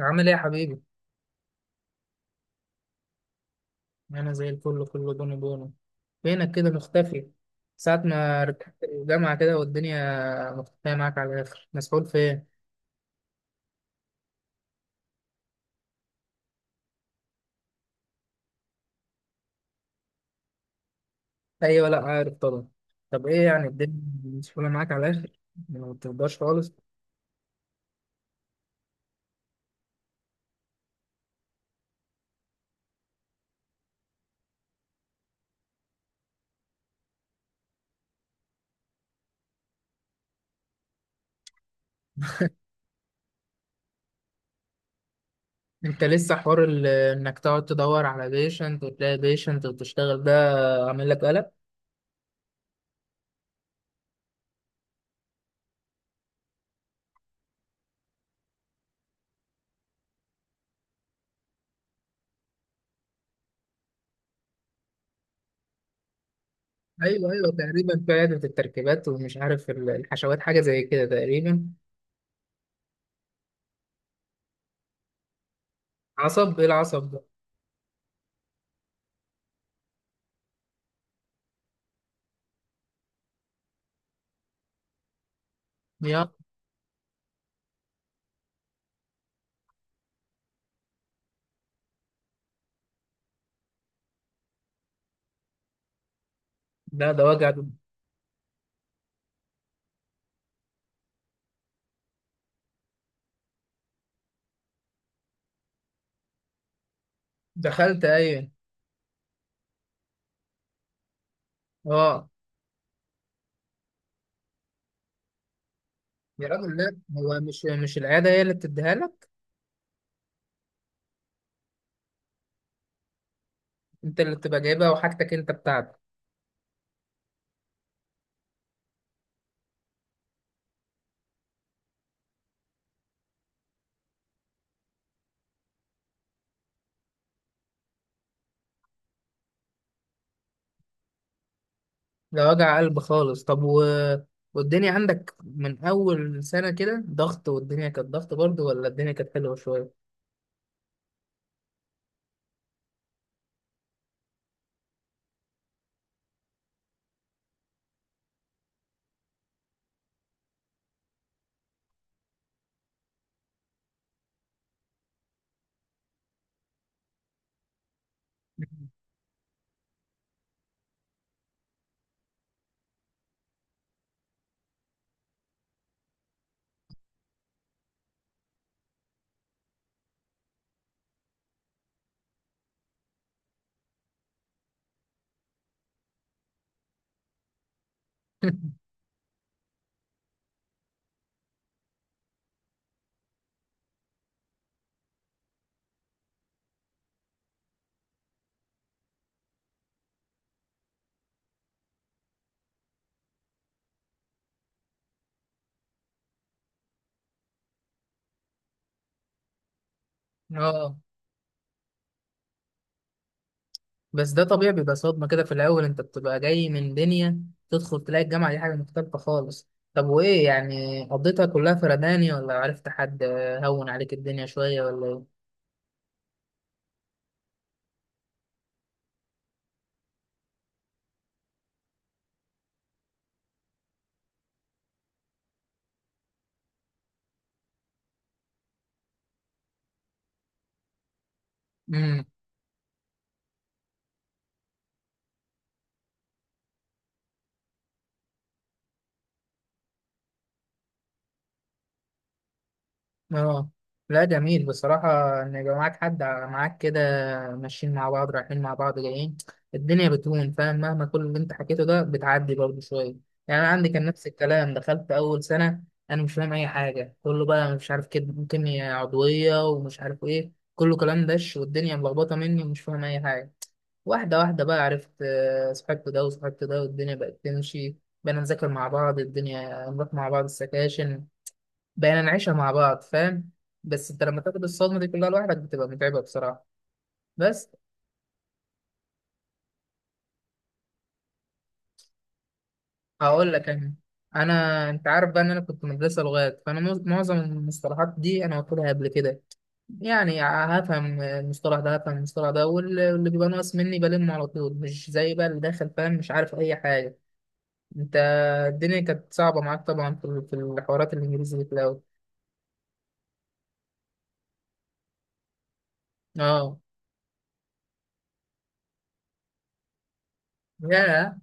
عامل ايه يا حبيبي؟ انا زي الفل، كله بونو بونو. فينك كده مختفي؟ ساعة ما رجعت الجامعة كده والدنيا مختفية معاك على الآخر، مسحول في ايه؟ أيوة، لأ عارف طبعا. طب ايه يعني الدنيا مسحولة معاك على الآخر؟ ما بتقدرش خالص. انت لسه حوار انك تقعد تدور على بيشنت وتلاقي بيشنت وتشتغل ده، عامل لك قلق؟ ايوه ايوه، تقريبا في عيادة التركيبات، ومش عارف الحشوات، حاجة زي كده تقريبا. عصب، ايه العصب ده؟ يا، ده وجع ده. دخلت، ايوه. اه. يا راجل، لا، هو مش العياده هي اللي بتديها لك. انت اللي بتبقى جايبها، وحاجتك انت بتاعتك. ده وجع قلب خالص. طب والدنيا عندك من اول سنه كده ضغط؟ والدنيا كانت ضغط برضه ولا الدنيا كانت حلوه شويه؟ اه. بس ده طبيعي، بيبقى صدمه كده في الاول. انت بتبقى جاي من دنيا، تدخل تلاقي الجامعه دي حاجه مختلفه خالص. طب وايه يعني، قضيتها كلها فرداني ولا عرفت حد هون عليك الدنيا شويه، ولا ايه؟ اه. لا، جميل بصراحة، إن يبقى معاك حد معاك كده، ماشيين مع بعض، رايحين مع بعض جايين، الدنيا بتهون، فاهم؟ مهما كل اللي أنت حكيته ده، بتعدي برضه شوية. يعني أنا عندي كان نفس الكلام، دخلت أول سنة. أنا مش فاهم أي حاجة، كله بقى مش عارف كده، كيمياء عضوية ومش عارف إيه، كله كلام دش، والدنيا ملخبطة مني ومش فاهم أي حاجة. واحدة واحدة بقى عرفت، صاحبت ده وصاحبت ده، والدنيا بقت تمشي. بقينا نذاكر مع بعض، الدنيا نروح مع بعض السكاشن، بقينا نعيشها مع بعض، فاهم؟ بس انت لما تاخد الصدمه دي كلها لوحدك، بتبقى متعبه بصراحه. بس هقول لك انا. انا، انت عارف بقى ان انا كنت مدرسه لغات، فانا معظم المصطلحات دي انا واخدها قبل كده. يعني هفهم المصطلح ده هفهم المصطلح ده، واللي بيبقى ناقص مني بلمه على طول، مش زي بقى اللي داخل فاهم، مش عارف اي حاجه. انت الدنيا كانت صعبه معاك طبعا، في الحوارات الانجليزي دي في الاول. اه. يا.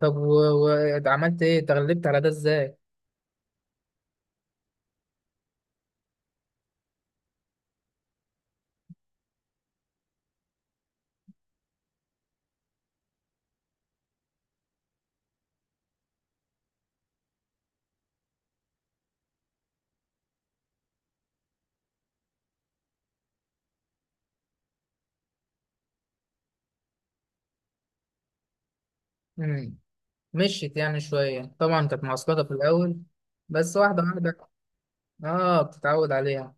طب وعملت ايه، تغلبت على ده ازاي؟ مشيت يعني شوية، طبعا كانت معسكرة في الأول. بس واحدة واحدة. اه، بتتعود عليها.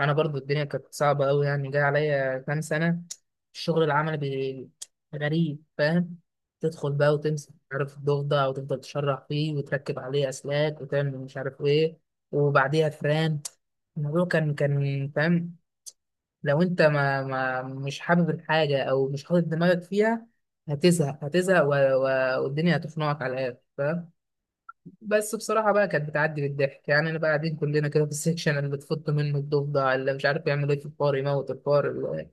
أنا برضو الدنيا كانت صعبة أوي، يعني جاي عليا كام سنة. الشغل العملي غريب، فاهم؟ تدخل بقى وتمسك مش عارف الضفدع، وتفضل تشرح فيه وتركب عليه أسلاك وتعمل مش عارف إيه، وبعديها فران. الموضوع كان فاهم، لو أنت ما, ما مش حابب الحاجة أو مش حاطط دماغك فيها، هتزهق. والدنيا هتخنقك على الآخر. بس بصراحة بقى كانت بتعدي بالضحك. يعني أنا بقى قاعدين كلنا كده في السكشن، اللي تفط منه الضفدع، اللي مش عارف يعمل إيه في الفار، يموت الفار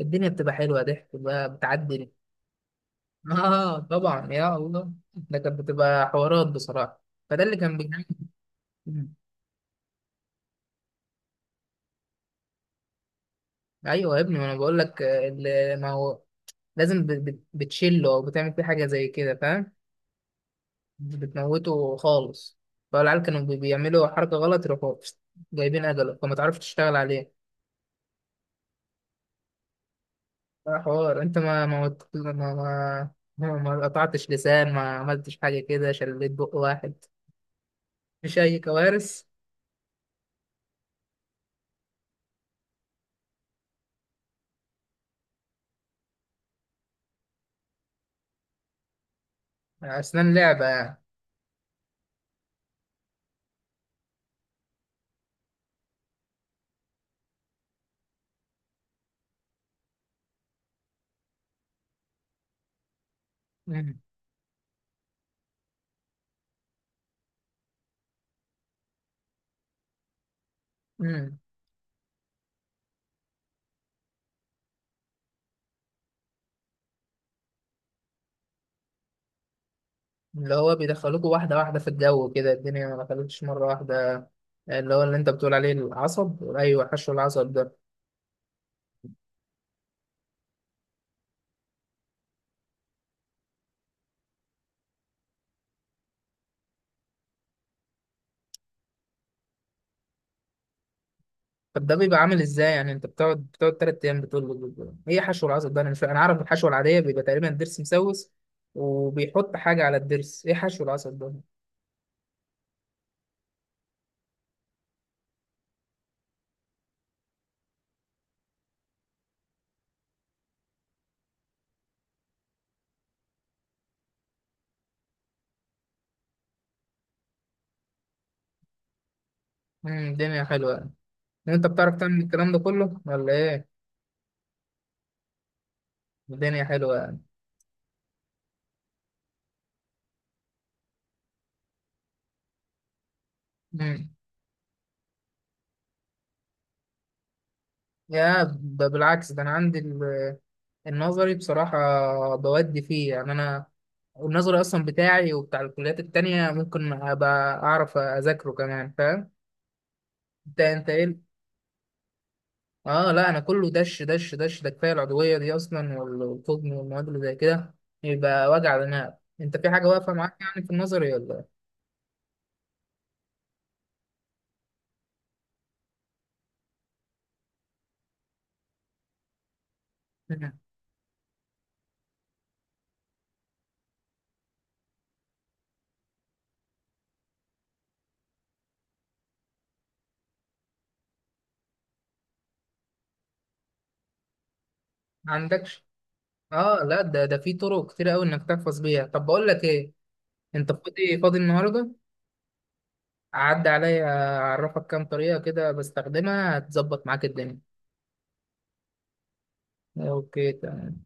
الدنيا بتبقى حلوة، ضحك بقى، بتعدي. آه طبعا. يا الله، ده كانت بتبقى حوارات بصراحة. فده اللي كان بيجي. أيوه يا ابني، ما أنا بقول لك، ما هو لازم بتشله أو بتعمل فيه حاجة زي كده، فاهم؟ بتموته خالص. فالعيال كانوا بيعملوا حركة غلط، يروحوا جايبين أجله فما تعرفش تشتغل عليه. ده حوار. انت ما ما وت- ما ما ما ما قطعتش لسان، ما عملتش حاجة كده، شليت بق واحد، مش أي كوارث. أسنان لعبة يعني. مم. مم. اللي هو بيدخلوكوا واحدة واحدة في الجو كده، الدنيا ما دخلتش مرة واحدة. اللي هو اللي انت بتقول عليه العصب، أيوة حشو العصب ده. طب ده بيبقى عامل ازاي يعني؟ انت بتقعد تلات أيام بتقول له ايه حشو العصب ده، أنا مش فاهم. أنا عارف الحشوة العادية بيبقى تقريبا الضرس مسوس، وبيحط حاجة على الضرس. ايه حشو العصب ده؟ الدنيا حلوة يعني، انت بتعرف تعمل الكلام ده كله ولا ايه؟ الدنيا حلوه يعني. مم. يا بالعكس. ده انا عندي النظري بصراحه بودي فيه. يعني انا النظري اصلا بتاعي وبتاع الكليات التانية ممكن ابقى اعرف اذاكره كمان، فاهم؟ انت ايه اه، لا، انا كله دش دش دش، ده كفايه العضويه دي اصلا والفضم والمواد اللي زي كده، يبقى وجع دماغ. انت في حاجه واقفه معاك يعني في النظري، ولا إيه؟ مم. ما عندكش؟ اه لا، ده في طرق كتير قوي انك تحفظ بيها. طب بقول لك ايه، انت فاضي فاضي النهارده؟ اعدي عليا، اعرفك كام طريقه كده بستخدمها، هتظبط معاك الدنيا. اوكي تمام.